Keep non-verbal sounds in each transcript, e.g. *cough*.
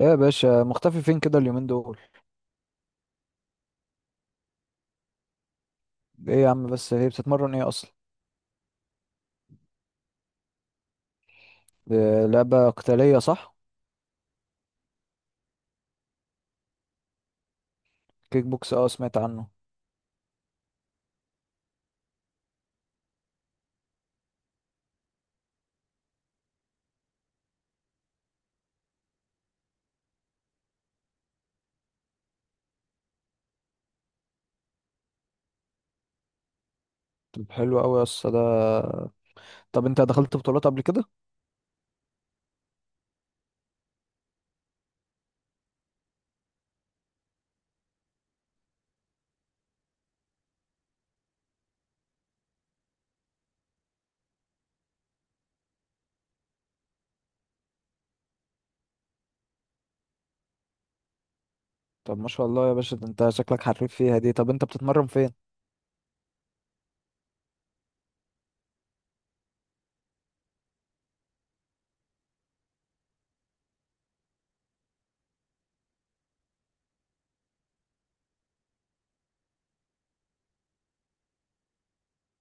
ايه يا باشا مختفي فين كده اليومين دول؟ ايه يا عم بس هي بتتمرن ايه اصلا؟ إيه، لعبة قتالية صح؟ كيك بوكس اه سمعت عنه. طب حلو قوي يا اسطى ده. طب انت دخلت بطولات قبل كده؟ طب ما شاء الله يا باشا، ده انت شكلك حريف فيها دي. طب انت بتتمرن فين؟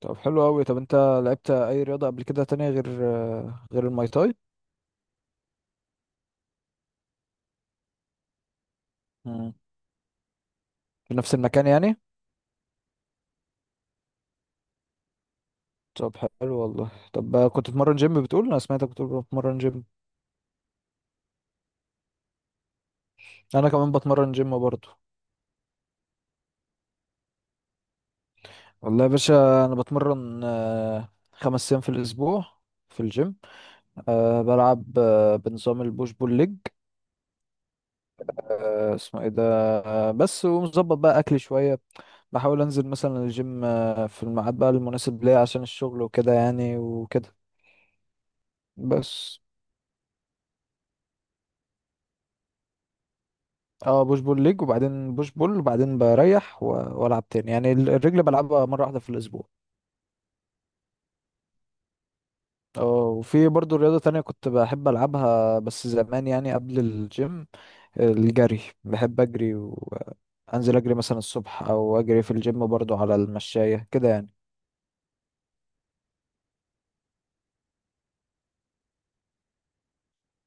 طب حلو قوي. طب انت لعبت اي رياضة قبل كده تانية غير الماي تاي؟ مم. في نفس المكان يعني؟ طب حلو والله. طب كنت بتمرن جيم، بتقول، انا سمعتك بتقول بتمرن جيم. انا كمان بتمرن جيم برضه. والله يا باشا انا بتمرن خمس ايام في الاسبوع في الجيم. أه بلعب، أه بنظام البوش بول ليج. أه اسمه ايه ده؟ أه بس، ومظبط بقى اكلي شويه. بحاول انزل مثلا الجيم أه في الميعاد بقى المناسب ليا عشان الشغل وكده يعني وكده. بس. اه بوش بول ليج وبعدين بوش بول وبعدين بريح والعب تاني يعني الرجل بلعبها مره واحده في الاسبوع. اه، وفي برضو رياضه تانية كنت بحب العبها بس زمان، يعني قبل الجيم. الجري، بحب اجري وانزل اجري مثلا الصبح او اجري في الجيم برضو على المشاية كده يعني.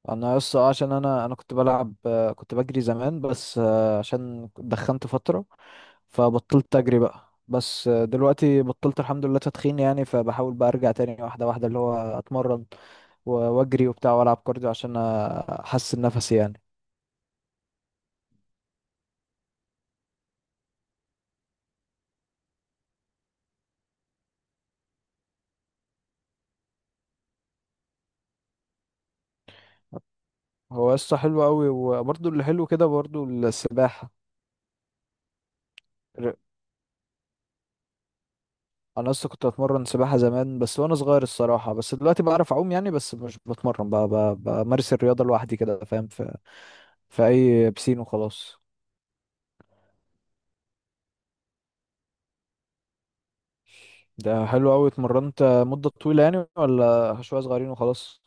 انا يس، عشان انا كنت بلعب، كنت بجري زمان بس، عشان دخنت فترة، فبطلت اجري بقى. بس دلوقتي بطلت الحمد لله تدخين يعني، فبحاول بقى ارجع تاني واحدة واحدة اللي هو اتمرن واجري وبتاع والعب كارديو عشان احسن نفسي يعني. هو قصة حلوة قوي، وبرضو اللي حلو كده برضو السباحة. انا اصلا كنت بتمرن سباحه زمان بس وانا صغير الصراحه، بس دلوقتي بعرف اعوم يعني، بس مش بتمرن بقى بمارس الرياضه لوحدي كده، فاهم، في في اي بسين وخلاص. ده حلو قوي، اتمرنت مده طويله يعني ولا شويه صغيرين وخلاص؟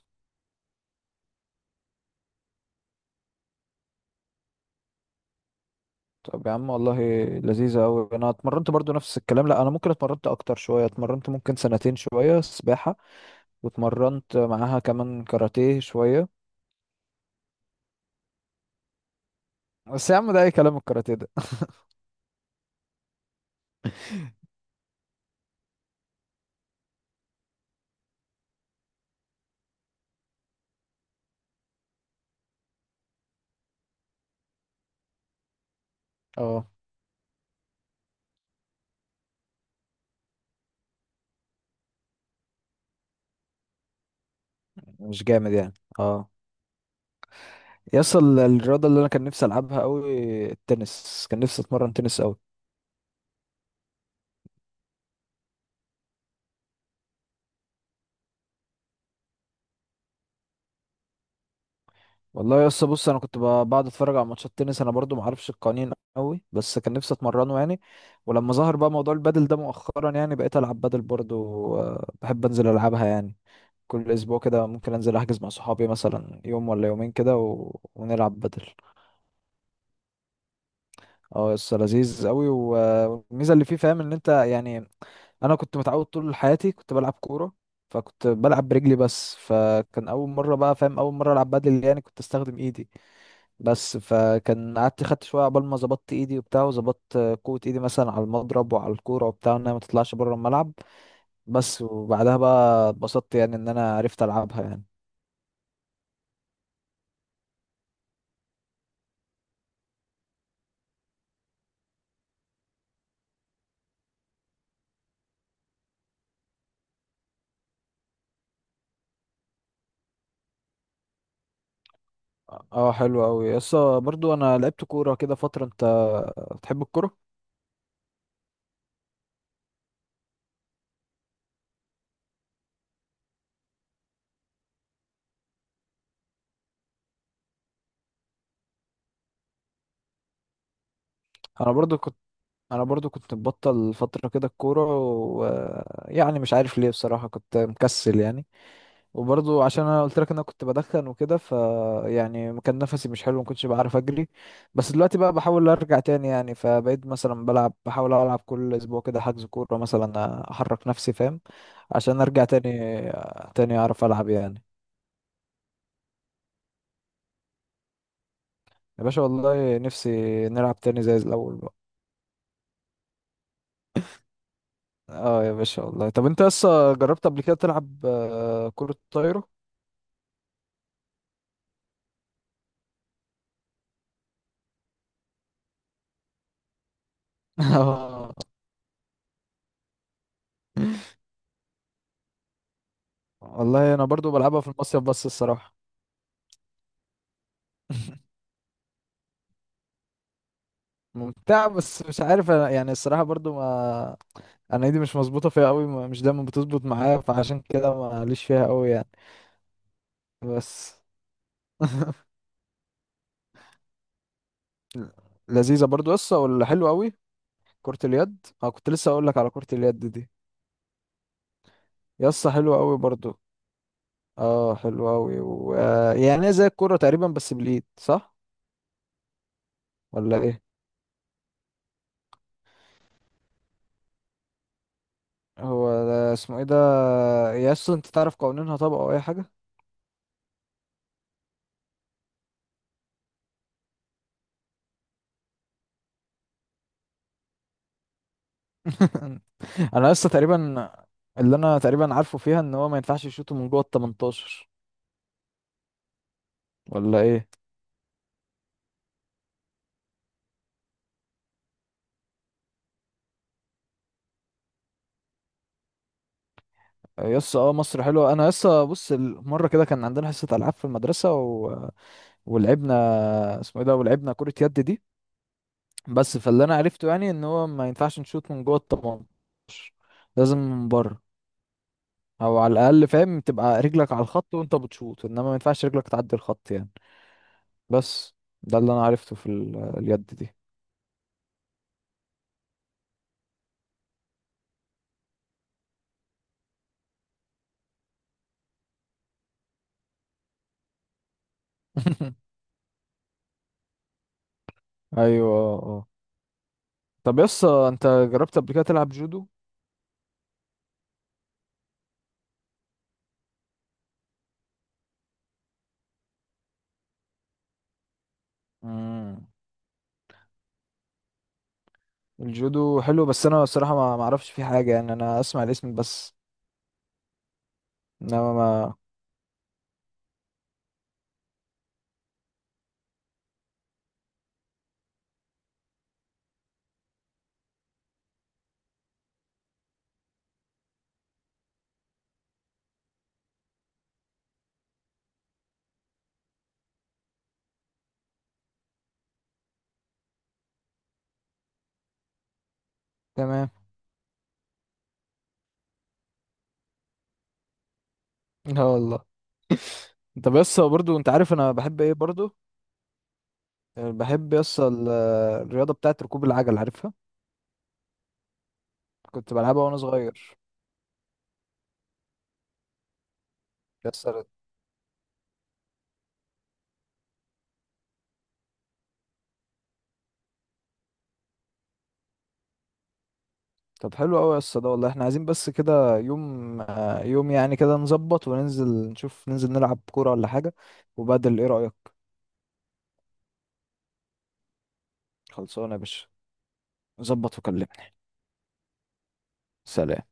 طب يا عم والله لذيذه قوي. انا اتمرنت برضو نفس الكلام، لا انا ممكن اتمرنت اكتر شويه، اتمرنت ممكن سنتين شويه سباحه. واتمرنت معاها كمان كاراتيه شويه. بس يا عم ده اي كلام الكاراتيه ده. *laughs* اه مش جامد يعني. اه. يصل الرياضة اللي أنا كان نفسي ألعبها أوي، التنس، كان نفسي أتمرن تنس أوي. والله يا اسطى بص، أنا كنت بقعد أتفرج على ماتشات تنس، أنا برضو معرفش القوانين أوي، بس كان نفسي أتمرنه يعني. ولما ظهر بقى موضوع البادل ده مؤخرا يعني بقيت ألعب بادل برضو. بحب أنزل ألعبها يعني، كل أسبوع كده ممكن أنزل أحجز مع صحابي مثلا يوم ولا يومين كده ونلعب بادل. اه يس، لذيذ قوي والميزه اللي فيه، فاهم، ان انت يعني انا كنت متعود طول حياتي كنت بلعب كوره، فكنت بلعب برجلي بس، فكان اول مره بقى، فاهم، اول مره العب بدل يعني كنت استخدم ايدي بس، فكان قعدت خدت شويه عقبال ما ظبطت ايدي وبتاع وظبطت قوه ايدي مثلا على المضرب وعلى الكوره وبتاع انها ما تطلعش بره الملعب بس. وبعدها بقى اتبسطت يعني ان انا عرفت العبها يعني. اه حلو قوي يس. برضو انا لعبت كوره كده فتره، انت بتحب الكوره؟ انا برضو كنت انا برضو كنت مبطل فترة كده الكورة، ويعني مش عارف ليه بصراحة، كنت مكسل يعني. وبرضو عشان انا قلت لك انا كنت بدخن وكده، ف يعني كان نفسي مش حلو، ما كنتش بعرف اجري. بس دلوقتي بقى بحاول ارجع تاني يعني، فبقيت مثلا بلعب، بحاول العب كل اسبوع كده حجز كورة مثلا، احرك نفسي فاهم، عشان ارجع تاني تاني اعرف العب يعني. يا باشا والله نفسي نلعب تاني زي الاول بقى. اه يا باشا والله. طب انت لسه جربت قبل كده تلعب كرة طايرة؟ اه والله انا برضو بلعبها في المصيف بس الصراحه. ممتعه، بس مش عارف أنا يعني الصراحه برضو ما، انا ايدي مش مظبوطه فيها قوي، مش دايما بتظبط معايا، فعشان كده ما ليش فيها قوي يعني. بس. *laughs* ل- لذيذه برضو يسطا، ولا حلوه قوي. كره اليد، اه كنت لسه اقول لك على كره اليد دي، يسطا حلوه قوي برضو. اه حلوه قوي آه، يعني هي زي الكوره تقريبا بس بالايد، صح ولا ايه؟ هو ده اسمه ايه ده؟ يسطا انت تعرف قوانينها طبعا او اي حاجه؟ *laughs* انا لسه تقريبا، اللي انا تقريبا عارفه فيها ان هو ما ينفعش يشوطه من جوه ال 18، ولا ايه. يس اه مصر حلوه. انا لسه بص مره كده كان عندنا حصه العاب في المدرسه ولعبنا، اسمه ايه ده، ولعبنا كره يد دي. بس فاللي انا عرفته يعني ان هو ما ينفعش نشوط من جوه ال 18، لازم من بره. او على الاقل فاهم تبقى رجلك على الخط وانت بتشوط، انما ما ينفعش رجلك تعدي الخط يعني. بس. ده اللي انا عرفته في اليد دي. *laughs* ايوه اه اه. طب يس انت جربت قبل كده تلعب جودو؟ مم. الجودو حلو بس انا الصراحه ما اعرفش فيه حاجه يعني، انا اسمع الاسم بس، انما ما. *laughs* تمام. لا والله. طب يس برضو، انت عارف انا بحب ايه برضو؟ بحب يس الرياضه بتاعت ركوب العجل، عارفها؟ كنت بلعبها وانا صغير. يس، طب حلو قوي يس ده. والله احنا عايزين بس كده يوم، يوم يعني كده نظبط وننزل نشوف، ننزل نلعب كوره ولا حاجه، وبدل، ايه رايك؟ خلصانه يا باشا. ظبط وكلمني. سلام.